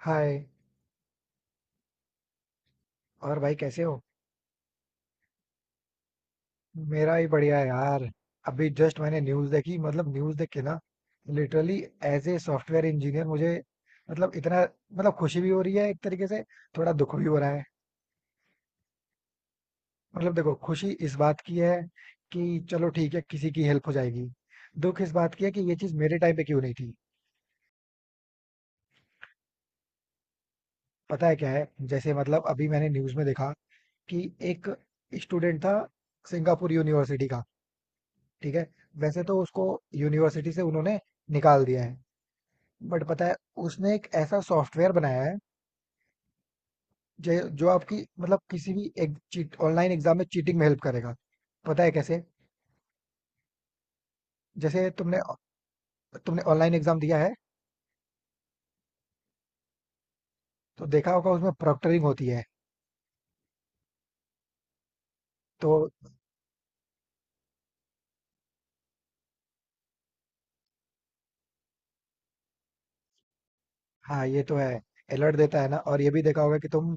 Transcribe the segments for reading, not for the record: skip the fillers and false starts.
हाय। और भाई कैसे हो। मेरा भी बढ़िया है यार। अभी जस्ट मैंने न्यूज़ देखी, मतलब न्यूज़ देख के ना, literally as a software engineer मुझे, मतलब इतना, मतलब खुशी भी हो रही है एक तरीके से, थोड़ा दुख भी हो रहा है। मतलब देखो, खुशी इस बात की है कि चलो ठीक है, किसी की हेल्प हो जाएगी। दुख इस बात की है कि ये चीज़ मेरे टाइम पे क्यों नहीं थी। पता है क्या है, जैसे मतलब अभी मैंने न्यूज़ में देखा कि एक स्टूडेंट था, सिंगापुर यूनिवर्सिटी का, ठीक है। वैसे तो उसको यूनिवर्सिटी से उन्होंने निकाल दिया है। बट पता है, उसने एक ऐसा सॉफ्टवेयर बनाया है जो जो आपकी, मतलब किसी भी एक चीट ऑनलाइन एग्जाम में चीटिंग में हेल्प करेगा। पता है कैसे? जैसे तुमने तुमने ऑनलाइन एग्जाम दिया है तो देखा होगा उसमें प्रॉक्टरिंग होती है तो। हाँ, ये तो है। अलर्ट देता है ना, और ये भी देखा होगा कि तुम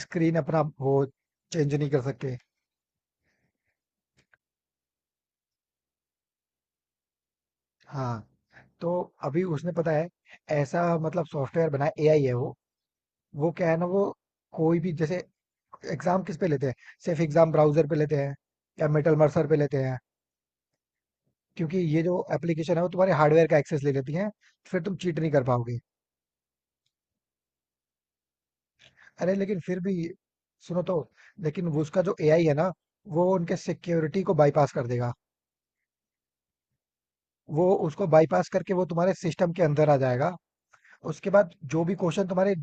स्क्रीन अपना वो चेंज नहीं कर सकते। हाँ, तो अभी उसने, पता है, ऐसा मतलब सॉफ्टवेयर बनाया, एआई है वो। वो क्या है ना, वो कोई भी जैसे एग्जाम किस पे लेते हैं? सिर्फ एग्जाम ब्राउजर पे लेते हैं या मेटल मर्सर पे लेते हैं। क्योंकि ये जो एप्लीकेशन है वो तुम्हारे हार्डवेयर का एक्सेस ले लेती है, फिर तुम चीट नहीं कर पाओगे। अरे लेकिन फिर भी सुनो तो, लेकिन वो उसका जो एआई है ना, वो उनके सिक्योरिटी को बाईपास कर देगा। वो उसको बाईपास करके वो तुम्हारे सिस्टम के अंदर आ जाएगा। उसके बाद जो भी क्वेश्चन तुम्हारे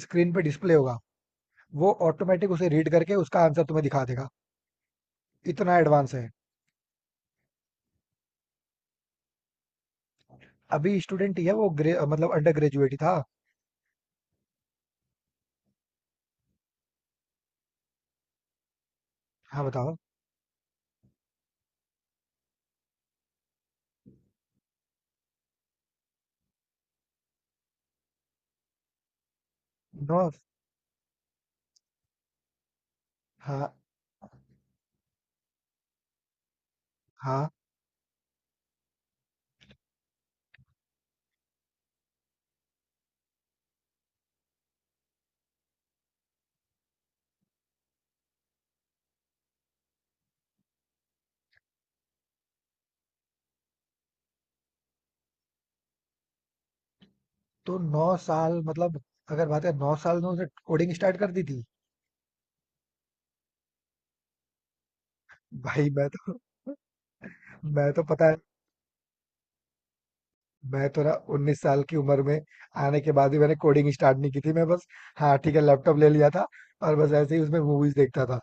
स्क्रीन पे डिस्प्ले होगा, वो ऑटोमेटिक उसे रीड करके उसका आंसर तुम्हें दिखा देगा। इतना एडवांस है। अभी स्टूडेंट ही है वो, मतलब अंडर ग्रेजुएट ही था। हाँ बताओ। नो। हाँ। हाँ। तो 9 साल मतलब, अगर बात करें, 9 साल में उसने कोडिंग स्टार्ट कर दी थी। भाई मैं तो, मैं तो पता है, मैं तो ना 19 साल की उम्र में आने के बाद भी मैंने कोडिंग स्टार्ट नहीं की थी। मैं बस, हाँ ठीक है, लैपटॉप ले लिया था, और बस ऐसे ही उसमें मूवीज देखता था।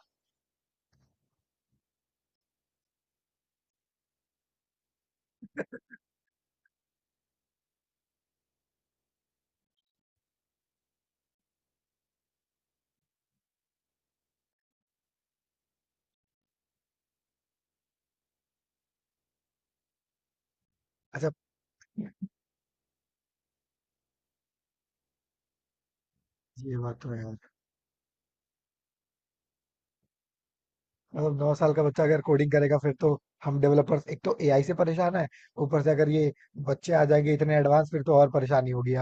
अच्छा, ये बात तो है यार। मतलब 9 साल का बच्चा अगर कोडिंग करेगा, फिर तो हम डेवलपर्स एक तो एआई से परेशान है ऊपर से अगर ये बच्चे आ जाएंगे इतने एडवांस, फिर तो और परेशानी होगी।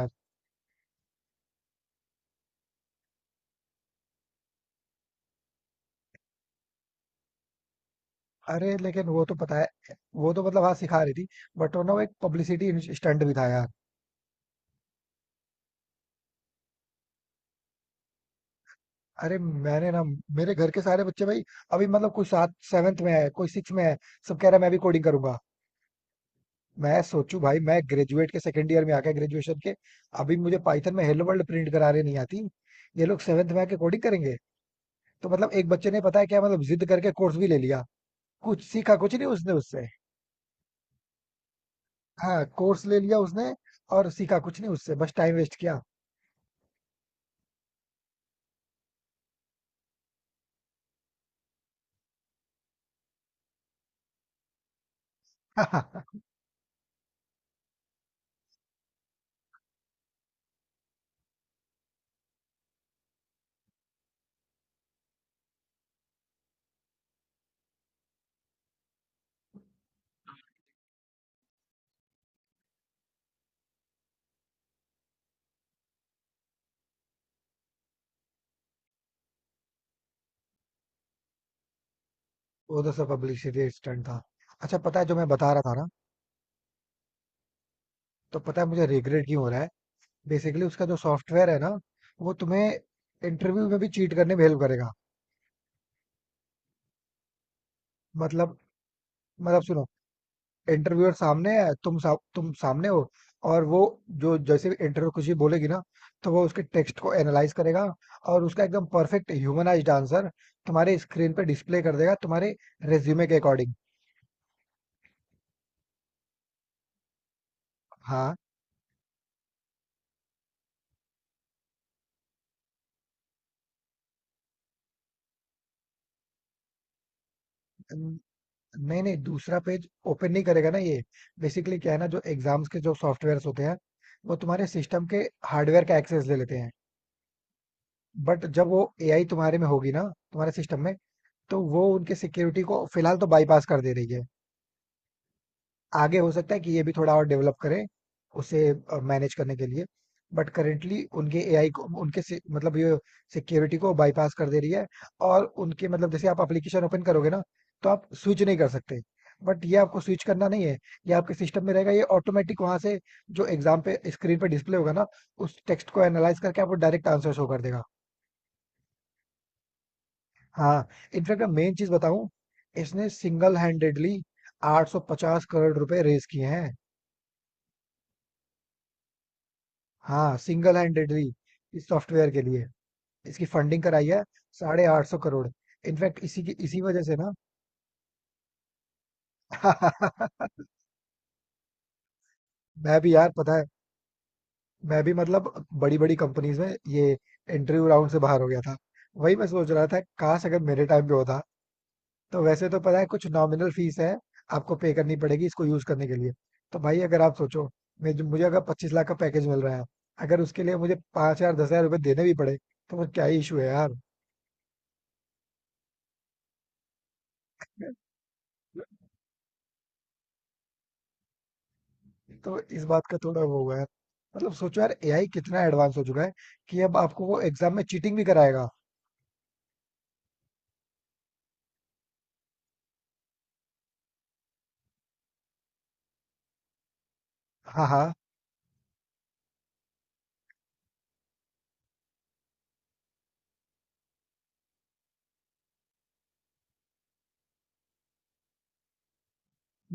अरे लेकिन वो तो पता है, वो तो मतलब हाँ सिखा रही थी, बट वो ना, वो एक पब्लिसिटी स्टंट भी था यार। अरे मैंने ना, मेरे घर के सारे बच्चे भाई, अभी मतलब कोई सात सेवेंथ में है, कोई सिक्स में है, सब कह रहा है मैं भी कोडिंग करूंगा। मैं सोचू भाई, मैं ग्रेजुएट के सेकंड ईयर में आके, ग्रेजुएशन के अभी मुझे पाइथन में हेलो वर्ल्ड प्रिंट करा रही नहीं आती, ये लोग सेवेंथ में आके कोडिंग करेंगे। तो मतलब एक बच्चे ने, पता है क्या, मतलब जिद करके कोर्स भी ले लिया, कुछ सीखा कुछ नहीं उसने उससे। हाँ कोर्स ले लिया उसने, और सीखा कुछ नहीं उससे, बस टाइम वेस्ट किया। वो तो सब पब्लिसिटी स्टंट था। अच्छा पता है जो मैं बता रहा था ना, तो पता है मुझे रिग्रेट क्यों हो रहा है। बेसिकली उसका जो सॉफ्टवेयर है ना, वो तुम्हें इंटरव्यू में भी चीट करने में हेल्प करेगा। मतलब, मतलब सुनो, इंटरव्यूअर सामने है, तुम सामने हो और वो, जो जैसे इंटरव्यू कुछ भी बोलेगी ना, तो वो उसके टेक्स्ट को एनालाइज करेगा, और उसका एकदम परफेक्ट ह्यूमनाइज्ड आंसर तुम्हारे स्क्रीन पे डिस्प्ले कर देगा तुम्हारे रेज्यूमे के अकॉर्डिंग। हाँ। नहीं नहीं, दूसरा पेज ओपन नहीं करेगा ना ये। बेसिकली क्या है ना, जो एग्जाम्स के जो सॉफ्टवेयर्स होते हैं, वो तुम्हारे सिस्टम के हार्डवेयर का एक्सेस ले लेते हैं। बट जब वो एआई तुम्हारे में होगी ना, तुम्हारे सिस्टम में, तो वो उनके सिक्योरिटी को फिलहाल तो बाईपास कर दे रही है। आगे हो सकता है कि ये भी थोड़ा और डेवलप करें उसे मैनेज करने के लिए। बट करेंटली उनके एआई को, मतलब ये सिक्योरिटी को बाईपास कर दे रही है। और उनके मतलब जैसे आप एप्लीकेशन ओपन करोगे ना, तो आप स्विच नहीं कर सकते। बट ये आपको स्विच करना नहीं है, ये आपके सिस्टम में रहेगा, ये ऑटोमेटिक वहां से जो एग्जाम पे स्क्रीन पे डिस्प्ले होगा ना, उस टेक्स्ट को एनालाइज करके आपको डायरेक्ट आंसर शो कर देगा। हाँ। इनफैक्ट मैं मेन चीज बताऊं, इसने सिंगल हैंडेडली 850 करोड़ रुपए रेज किए हैं। हाँ, सिंगल हैंडेडली इस सॉफ्टवेयर के लिए इसकी फंडिंग कराई है, 850 करोड़। इनफैक्ट इसी की इसी वजह से ना मैं भी यार पता है, मैं भी मतलब बड़ी बड़ी कंपनीज में ये इंटरव्यू राउंड से बाहर हो गया था। वही मैं सोच रहा था काश अगर मेरे टाइम पे होता। तो वैसे तो पता है, कुछ नॉमिनल फीस है आपको पे करनी पड़ेगी इसको यूज करने के लिए। तो भाई अगर आप सोचो, मैं, मुझे अगर 25 लाख का पैकेज मिल रहा है, अगर उसके लिए मुझे 5 हजार 10 हजार रुपये देने भी पड़े, तो वो क्या इशू है यार। तो इस बात का थोड़ा वो हुआ है, मतलब सोचो यार एआई कितना एडवांस हो चुका है कि अब आपको वो एग्जाम में चीटिंग भी कराएगा। हाँ। हाँ।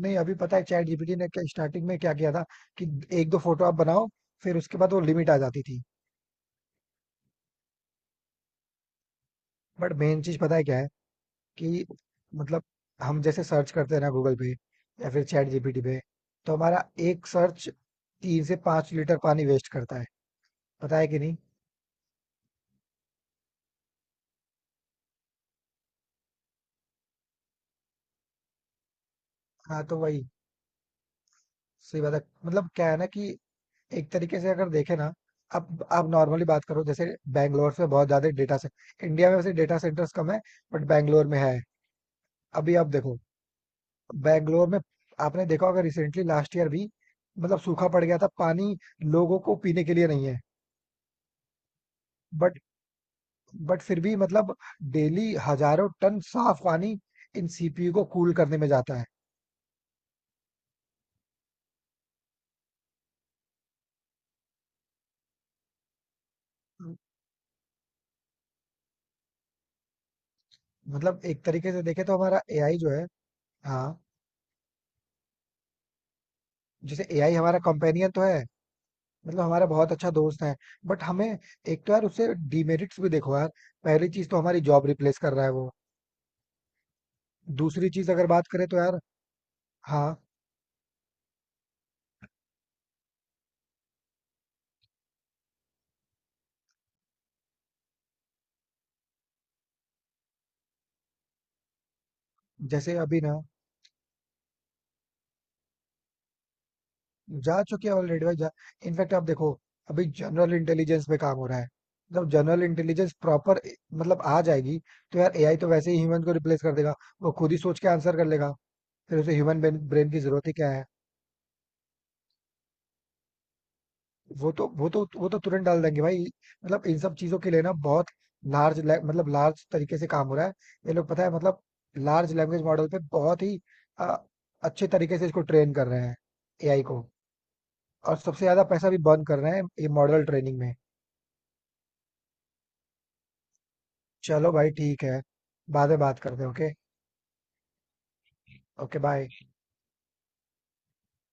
नहीं अभी पता है चैट जीपीटी ने क्या स्टार्टिंग में क्या किया था, कि एक दो फोटो आप बनाओ, फिर उसके बाद वो लिमिट आ जाती थी। बट मेन चीज पता है क्या है, कि मतलब हम जैसे सर्च करते हैं ना गूगल पे या फिर चैट जीपीटी पे, तो हमारा एक सर्च 3 से 5 लीटर पानी वेस्ट करता है। पता है कि नहीं। हाँ तो वही सही बात है। मतलब क्या है ना कि एक तरीके से अगर देखें ना, आप नॉर्मली बात करो, जैसे बैंगलोर में बहुत ज्यादा डेटा से, इंडिया में वैसे डेटा सेंटर्स कम है, बट बैंगलोर में है। अभी आप देखो बैंगलोर में, आपने देखा होगा रिसेंटली लास्ट ईयर भी मतलब सूखा पड़ गया था, पानी लोगों को पीने के लिए नहीं है। बट बट फिर भी मतलब डेली हजारों टन साफ पानी इन सीपीयू को कूल करने में जाता है। मतलब एक तरीके से देखे तो हमारा एआई जो है, हाँ जैसे एआई हमारा कंपेनियन तो है, मतलब हमारा बहुत अच्छा दोस्त है। बट हमें एक तो यार उससे डिमेरिट्स भी देखो यार। पहली चीज तो हमारी जॉब रिप्लेस कर रहा है वो। दूसरी चीज अगर बात करें तो यार, हाँ। जैसे अभी ना, जा चुके हैं ऑलरेडी भाई, जा। इनफैक्ट आप देखो, अभी जनरल इंटेलिजेंस पे काम हो रहा है। जब जनरल इंटेलिजेंस प्रॉपर मतलब आ जाएगी, तो यार एआई तो वैसे ही ह्यूमन को रिप्लेस कर देगा, वो खुद ही सोच के आंसर कर लेगा, फिर उसे ह्यूमन ब्रेन की जरूरत ही क्या है। वो तो तुरंत डाल देंगे भाई। मतलब इन सब चीजों के लिए ना बहुत लार्ज, मतलब लार्ज तरीके से काम हो रहा है, ये लोग पता है मतलब लार्ज लैंग्वेज मॉडल पे बहुत ही अ, अच्छे तरीके से इसको ट्रेन कर रहे हैं एआई को। और सबसे ज्यादा पैसा भी बर्न कर रहे हैं ये मॉडल ट्रेनिंग में। चलो भाई ठीक है, बाद में बात करते हैं। ओके। Okay bye.